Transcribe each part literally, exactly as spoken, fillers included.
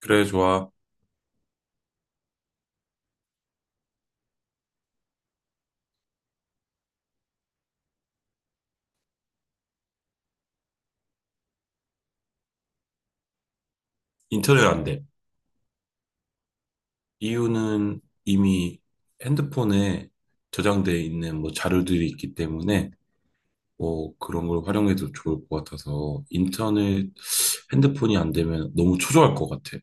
그래, 좋아. 인터넷 안 돼. 이유는 이미 핸드폰에 저장돼 있는 뭐 자료들이 있기 때문에 뭐 그런 걸 활용해도 좋을 것 같아서 인터넷 핸드폰이 안 되면 너무 초조할 것 같아.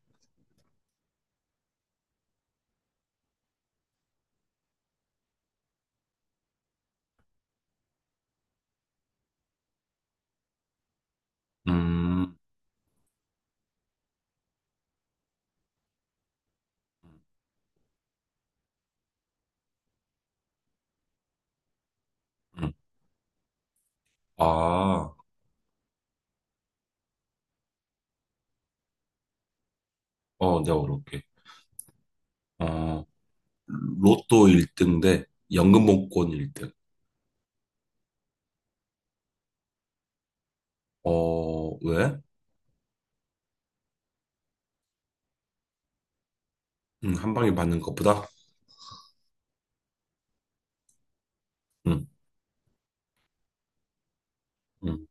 음, 음. 아, 어, 내가 어렵게, 어, 로또 일 등 대 연금복권 일 등. 어, 왜? 음, 한 방에 받는 것보다? 음, 음.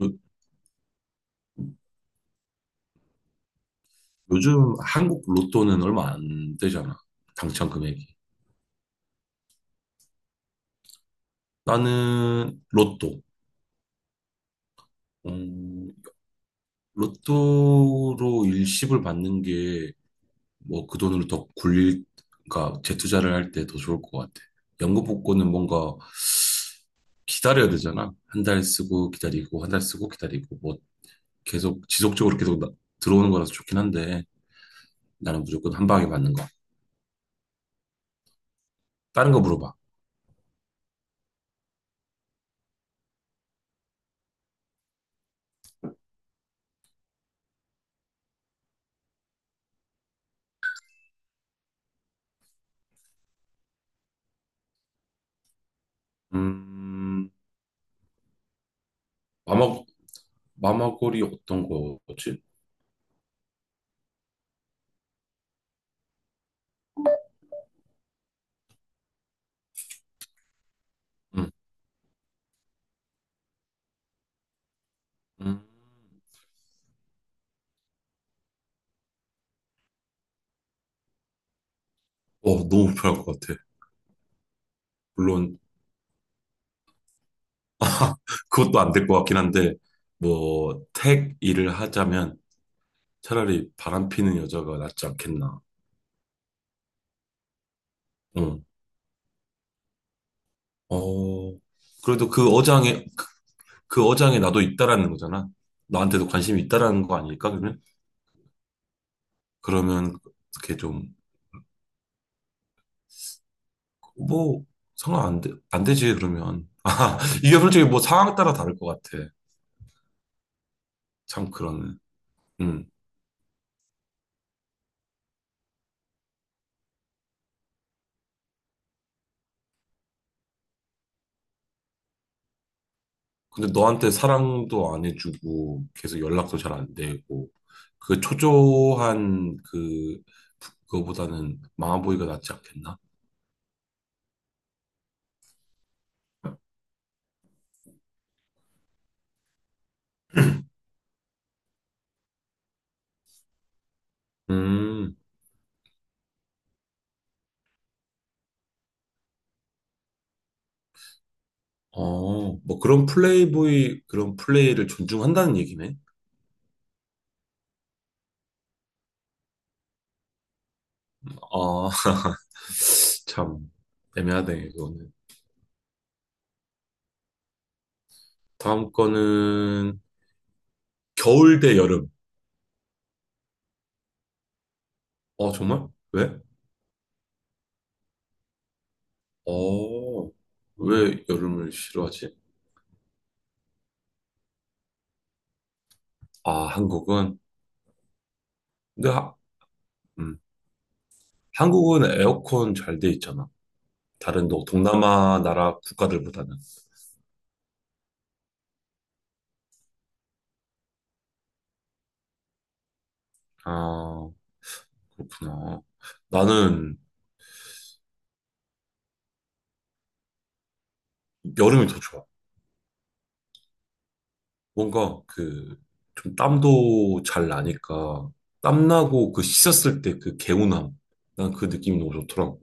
음, 요즘 한국 로또는 얼마 안 되잖아. 당첨 금액이. 나는 로또. 음, 로또로 일시불 받는 게 뭐 그 돈으로 더 굴릴, 그러니까 재투자를 할 때 더 좋을 것 같아. 연금 복권은 뭔가 기다려야 되잖아. 한 달 쓰고 기다리고, 한 달 쓰고 기다리고, 뭐 계속 지속적으로 계속 나- 들어오는 거라서 좋긴 한데 나는 무조건 한 방에 받는 거. 다른 거 물어봐. 음, 마마, 마마골이 어떤 거지? 음. 음. 어, 너무 불편할 것 같아. 물론 그것도 안 될 것 같긴 한데 뭐 택 일을 하자면 차라리 바람 피는 여자가 낫지 않겠나. 응. 어, 그래도 그 어장에 그 어장에 나도 있다라는 거잖아. 나한테도 관심이 있다라는 거 아닐까 그러면? 그러면 그게 좀 뭐 상황 안 돼, 안 되지 그러면. 아, 이게 솔직히 뭐 상황 따라 다를 것 같아. 참 그러네. 음. 근데 너한테 사랑도 안 해주고 계속 연락도 잘 안 되고 그 초조한 그 그거보다는 망아보이가 낫지 않겠나? 음, 어, 뭐 그런 플레이보이 그런 플레이를 존중한다는 얘기네. 아, 참 애매하네 이거는. 다음 거는 겨울 대 여름. 어, 정말? 왜? 어, 왜 여름을 싫어하지? 아, 한국은, 근데 하, 음, 한국은 에어컨 잘 돼 있잖아. 다른 동- 동남아 나라 국가들보다는. 아, 그렇구나. 나는 여름이 더 좋아. 뭔가 그, 좀 땀도 잘 나니까, 땀나고 그 씻었을 때 그 개운함. 난 그 느낌이 너무 좋더라고.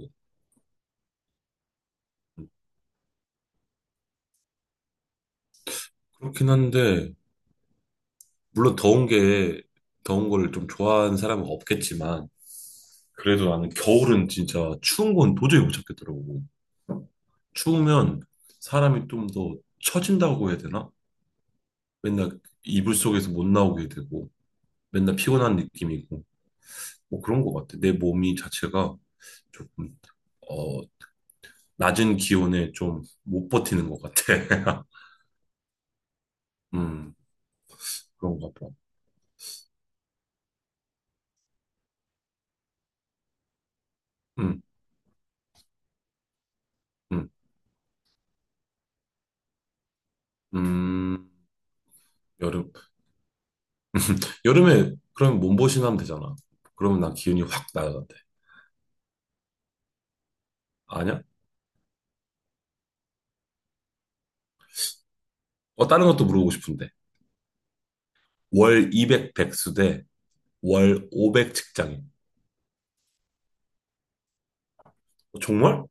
음, 그렇긴 한데, 물론 더운 게, 더운 걸 좀 좋아하는 사람은 없겠지만, 그래도 나는 겨울은 진짜 추운 건 도저히 못 참겠더라고. 추우면 사람이 좀 더 처진다고 해야 되나? 맨날 이불 속에서 못 나오게 되고. 맨날 피곤한 느낌이고 뭐 그런 것 같아. 내 몸이 자체가 조금 어 낮은 기온에 좀 못 버티는 것 같아. 음, 그런가 봐. 음, 음, 음 여름 여름에 그럼 몸보신 하면 되잖아. 그러면 난 기운이 확 날아간대. 아니야? 어, 다른 것도 물어보고 싶은데 월 이백 백수 대월 오백 직장인. 어, 정말?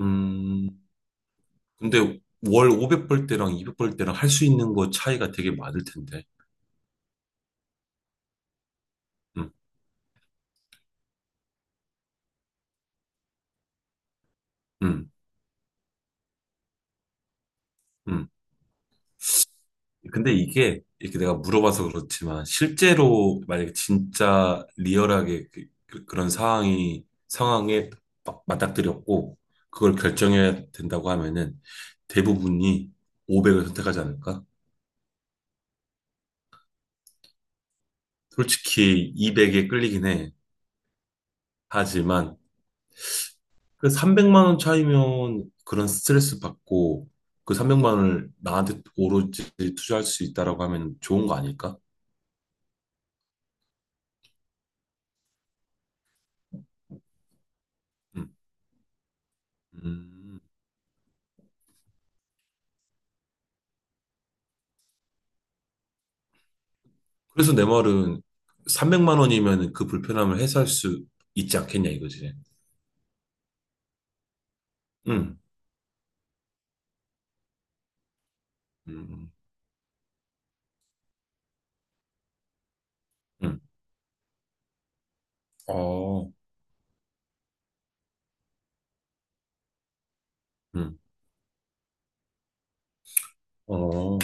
음 근데 월 오백 벌 때랑 이백 벌 때랑 할 수 있는 거 차이가 되게 많을 텐데. 음, 음. 음. 근데 이게 이렇게 내가 물어봐서 그렇지만 실제로 만약에 진짜 리얼하게 그, 런 상황이 상황에 막 맞닥뜨렸고 그걸 결정해야 된다고 하면은 대부분이 오백을 선택하지 않을까? 솔직히 이백에 끌리긴 해. 하지만 그 삼백만 원 차이면 그런 스트레스 받고 그 삼백만 원을 나한테 오로지 투자할 수 있다라고 하면 좋은 거 아닐까? 음. 음. 그래서 내 말은 삼백만 원이면 그 불편함을 해소할 수 있지 않겠냐 이거지. 응, 응. 응, 어, 응, 어,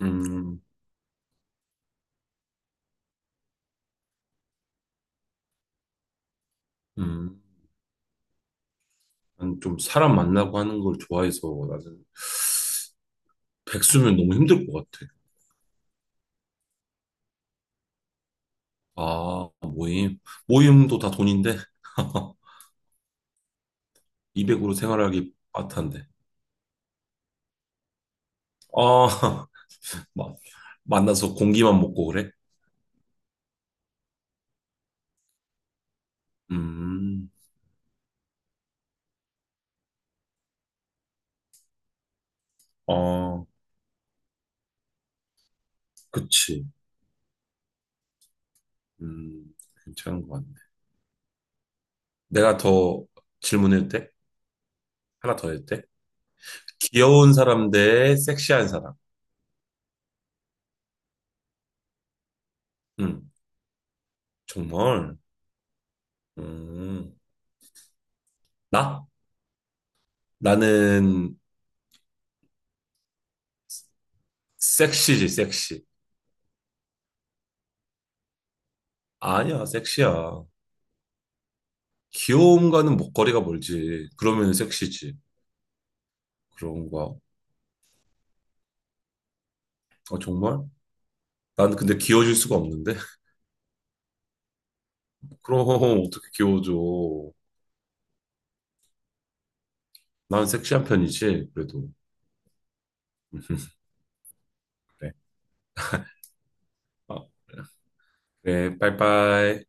음, 음. 난좀 사람 만나고 하는 걸 좋아해서 나는 백수면 너무 힘들 것 같아. 아, 모임. 모임도 다 돈인데 이백으로 생활하기 빠탄데. 아, 막 만나서 공기만 먹고 그래? 음, 아. 그치. 음, 괜찮은 것 같네. 내가 더 질문해도 돼? 하나 더 해도 돼? 귀여운 사람 대 섹시한 사람. 응, 정말. 음, 나? 나는 섹시지, 섹시. 아니야, 섹시야. 귀여움과는 목걸이가 멀지. 그러면 섹시지. 그런 거. 아, 정말? 난 근데 귀여워질 수가 없는데? 그럼 어떻게 귀여워져? 난 섹시한 편이지, 그래도. 그래. 어, 그래, 빠이빠이.